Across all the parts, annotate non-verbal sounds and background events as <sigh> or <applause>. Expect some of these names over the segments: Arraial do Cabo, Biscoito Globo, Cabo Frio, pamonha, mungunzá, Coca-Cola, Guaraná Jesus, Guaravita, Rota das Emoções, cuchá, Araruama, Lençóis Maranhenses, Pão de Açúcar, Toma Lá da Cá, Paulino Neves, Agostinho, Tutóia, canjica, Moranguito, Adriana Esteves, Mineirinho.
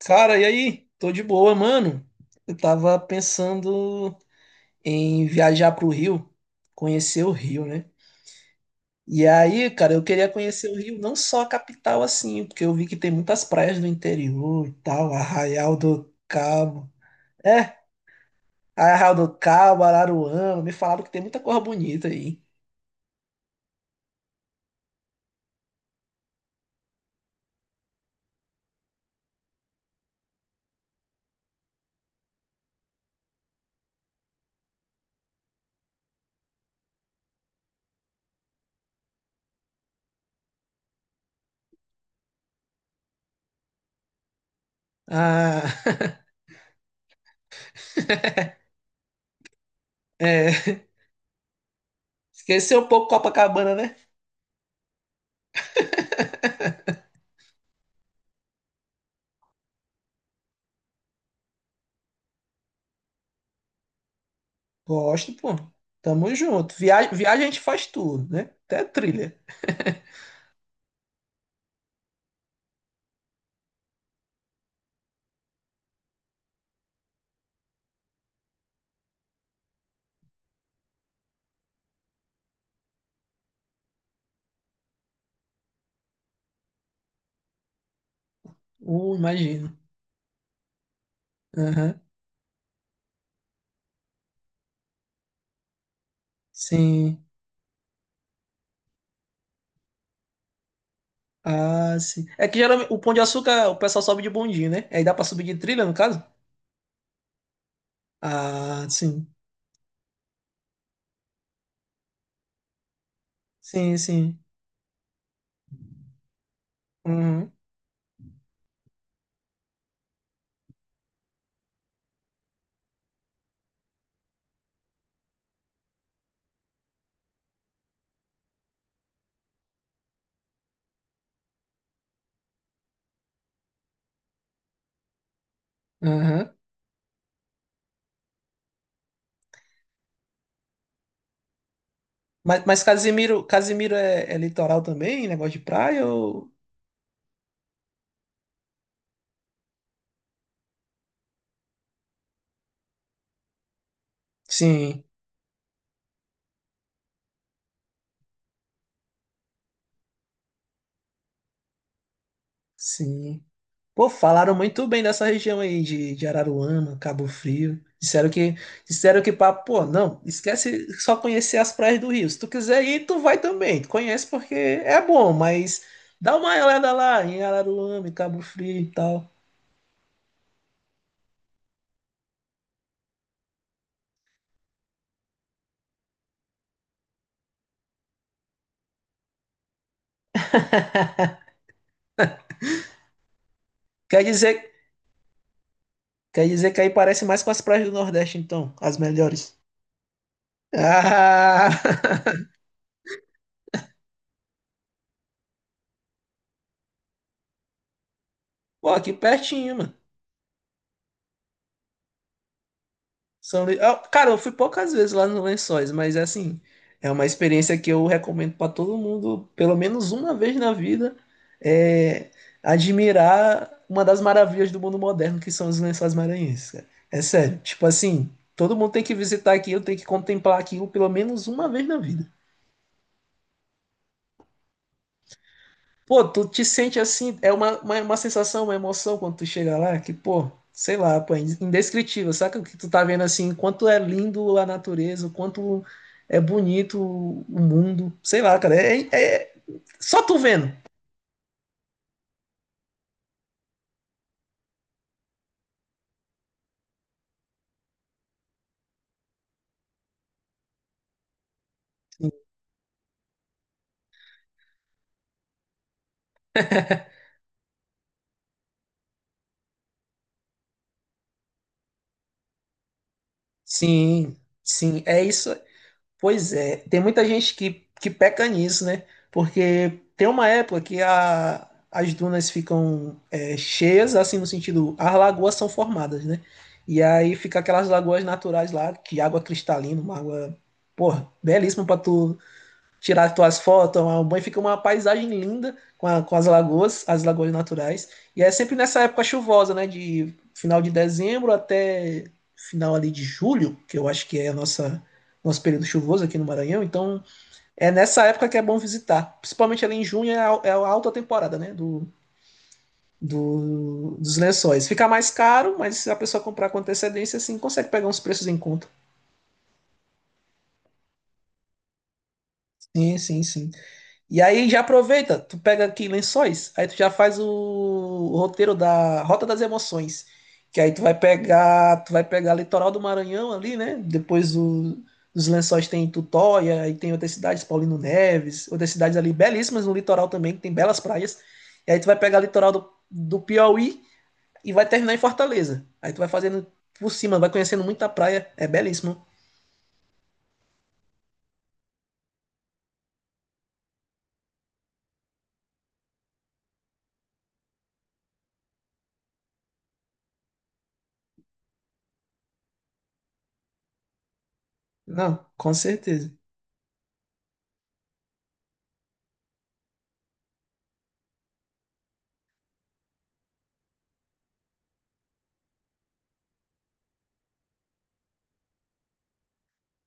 Cara, e aí? Tô de boa, mano. Eu tava pensando em viajar pro Rio, conhecer o Rio, né? E aí, cara, eu queria conhecer o Rio, não só a capital assim, porque eu vi que tem muitas praias do interior e tal, Arraial do Cabo. É, Arraial do Cabo, Araruama, me falaram que tem muita coisa bonita aí. Ah, <laughs> é. Esqueceu um pouco Copacabana, né? Gosto, pô. Tamo junto. Viagem a gente faz tudo, né? Até trilha. Imagino. Aham. Sim. Ah, sim. É que geralmente o Pão de Açúcar o pessoal sobe de bondinho, né? Aí dá pra subir de trilha, no caso? Ah, sim. Sim, sim. Uhum. Aham. Mas Casimiro, Casimiro é, é litoral também? Negócio de praia ou... Sim, sim. Pô, falaram muito bem dessa região aí de Araruama, Cabo Frio. Pô, não, esquece só conhecer as praias do Rio. Se tu quiser ir, tu vai também. Tu conhece porque é bom, mas dá uma olhada lá em Araruama, em Cabo Frio e tal. Quer dizer, quer dizer que aí parece mais com as praias do Nordeste, então, as melhores. Ah! <laughs> Pô, aqui pertinho, mano. São Luís. Ah, cara, eu fui poucas vezes lá nos Lençóis, mas é assim, é uma experiência que eu recomendo para todo mundo, pelo menos uma vez na vida, é, admirar uma das maravilhas do mundo moderno que são os Lençóis Maranhenses, cara. É sério, tipo assim, todo mundo tem que visitar aquilo, tem que contemplar aquilo pelo menos uma vez na vida. Pô, tu te sente assim, é uma sensação, uma emoção quando tu chega lá, que, pô, sei lá, pô, é indescritível, saca o que tu tá vendo assim, quanto é lindo a natureza, o quanto é bonito o mundo, sei lá, cara, só tu vendo. Sim, sim, é isso. Pois é, tem muita gente que peca nisso, né? Porque tem uma época que as dunas ficam é, cheias, assim, no sentido, as lagoas são formadas, né? E aí fica aquelas lagoas naturais lá, que água cristalina, uma água, porra, belíssima pra tu tirar tuas fotos, tomar um banho, fica uma paisagem linda com, com as lagoas naturais. E é sempre nessa época chuvosa, né? De final de dezembro até final ali de julho, que eu acho que é a nossa nosso período chuvoso aqui no Maranhão. Então é nessa época que é bom visitar, principalmente ali em junho é é a alta temporada, né? Dos lençóis. Fica mais caro, mas se a pessoa comprar com antecedência, assim, consegue pegar uns preços em conta. Sim, sim, sim. E aí já aproveita, tu pega aqui Lençóis, aí tu já faz o roteiro da Rota das Emoções, que aí tu vai pegar litoral do Maranhão ali, né? Os Lençóis tem Tutóia, aí tem outras cidades, Paulino Neves, outras cidades ali belíssimas no litoral também, que tem belas praias. E aí tu vai pegar litoral do Piauí e vai terminar em Fortaleza. Aí tu vai fazendo por cima, vai conhecendo muita praia, é belíssimo. Não, com certeza.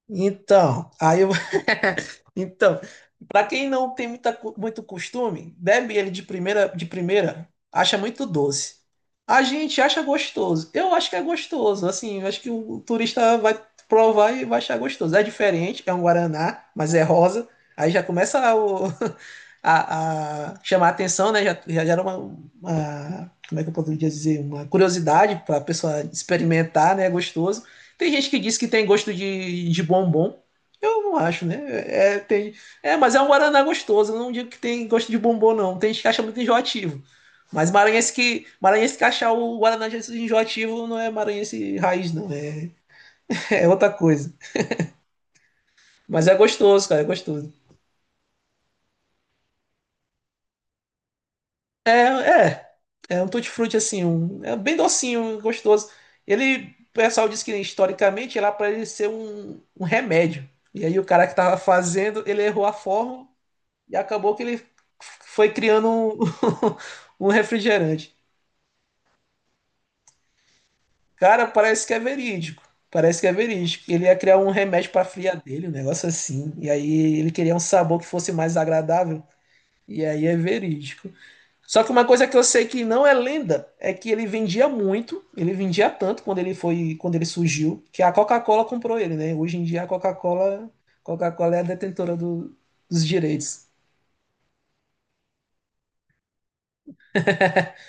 Então, aí eu Então, Para quem não tem muita muito costume, bebe ele de primeira, acha muito doce. A gente acha gostoso. Eu acho que é gostoso. Assim, eu acho que o turista vai provar e vai achar gostoso. É diferente, é um guaraná, mas é rosa. Aí já começa o- <laughs> A chamar a atenção, né? Já era como é que eu poderia dizer? Uma curiosidade para a pessoa experimentar, né? É gostoso. Tem gente que diz que tem gosto de bombom. Eu não acho, né? É, tem... é, mas é um guaraná gostoso. Eu não digo que tem gosto de bombom, não. Tem gente que acha muito enjoativo. Maranhense que achar o Guaraná de Jesus enjoativo não é maranhense raiz, não. É, <laughs> é outra coisa. Mas é gostoso, cara. É gostoso. É, é. É um tutti-frutti, assim. Um... É bem docinho, gostoso. Ele, o pessoal diz que historicamente era para ele ser um remédio. E aí o cara que tava fazendo, ele errou a forma. E acabou que ele foi criando um, <laughs> um refrigerante. Cara, parece que é verídico. Parece que é verídico. Ele ia criar um remédio para a fria dele, um negócio assim. E aí ele queria um sabor que fosse mais agradável. E aí é verídico. Só que uma coisa que eu sei que não é lenda é que ele vendia muito, ele vendia tanto quando ele surgiu, que a Coca-Cola comprou ele, né? Hoje em dia a Coca-Cola, Coca-Cola é a detentora dos direitos. <laughs>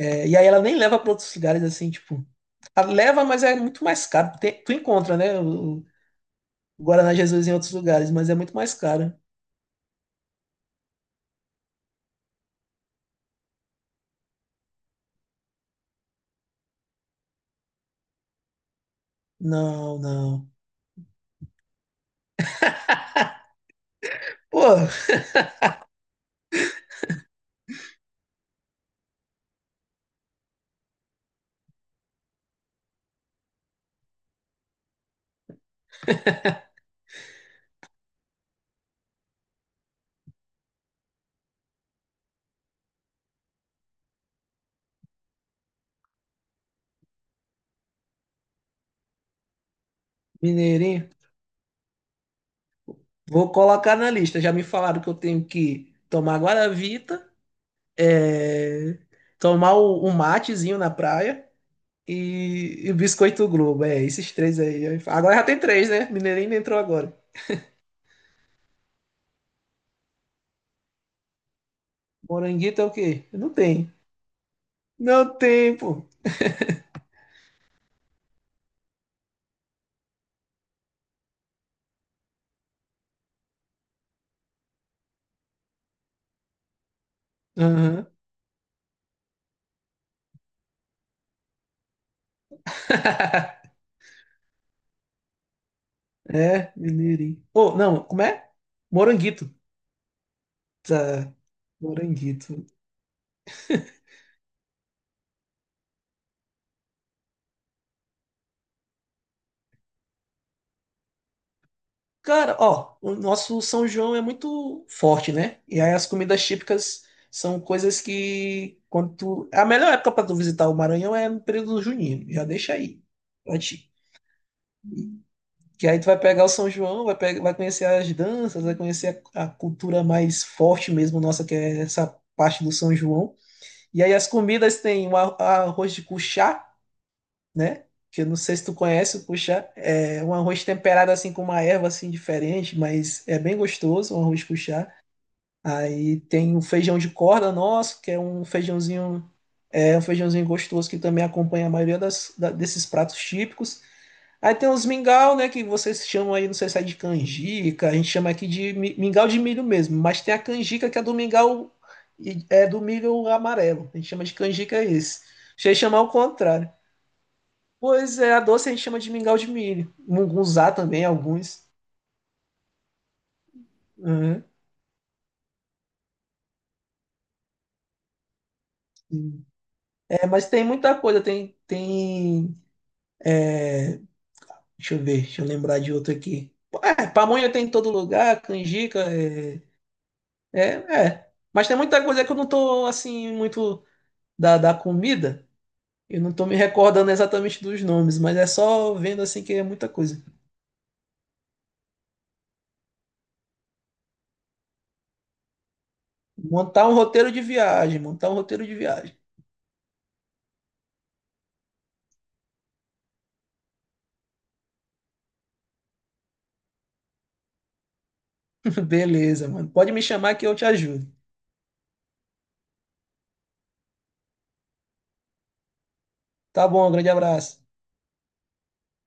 E aí ela nem leva para outros lugares assim, tipo. A leva, mas é muito mais caro. Tu encontra, né? O Guaraná Jesus em outros lugares, mas é muito mais caro. Não, não. Pô, mineirinho, vou colocar na lista. Já me falaram que eu tenho que tomar Guaravita, é, tomar um matezinho na praia e o Biscoito Globo. É, esses três aí. Agora já tem três, né? Mineirinho entrou agora. Moranguito é o quê? Não tem. Não tem, pô. Aham. <laughs> É, Mineirinho. Oh, não, como é? Moranguito. Tá. Moranguito. Cara, ó, o nosso São João é muito forte, né? E aí as comidas típicas são coisas que quando tu... A melhor época pra tu visitar o Maranhão é no período junino. Já deixa aí pra ti. Que aí tu vai pegar o São João, vai conhecer as danças, vai conhecer a cultura mais forte mesmo nossa, que é essa parte do São João. E aí as comidas tem o arroz de cuchá, né? Que eu não sei se tu conhece o cuchá. É um arroz temperado assim com uma erva assim diferente, mas é bem gostoso, um arroz cuchá. Aí tem o feijão de corda nosso, que é um feijãozinho gostoso que também acompanha a maioria das, desses pratos típicos. Aí tem os mingau, né, que vocês chamam aí, não sei se é de canjica, a gente chama aqui de mingau de milho mesmo, mas tem a canjica que é do mingau, é do milho amarelo, a gente chama de canjica esse. Achei chamar o contrário. Pois é, a doce a gente chama de mingau de milho. Mungunzá também, alguns. Uhum. É, mas tem muita coisa, é, deixa eu ver, deixa eu lembrar de outro aqui. É, pamonha tem em todo lugar, canjica, é, é. Mas tem muita coisa que eu não tô, assim, muito da comida, eu não tô me recordando exatamente dos nomes, mas é só vendo, assim, que é muita coisa. Montar um roteiro de viagem, montar um roteiro de viagem. <laughs> Beleza, mano, pode me chamar que eu te ajudo. Tá bom, grande abraço.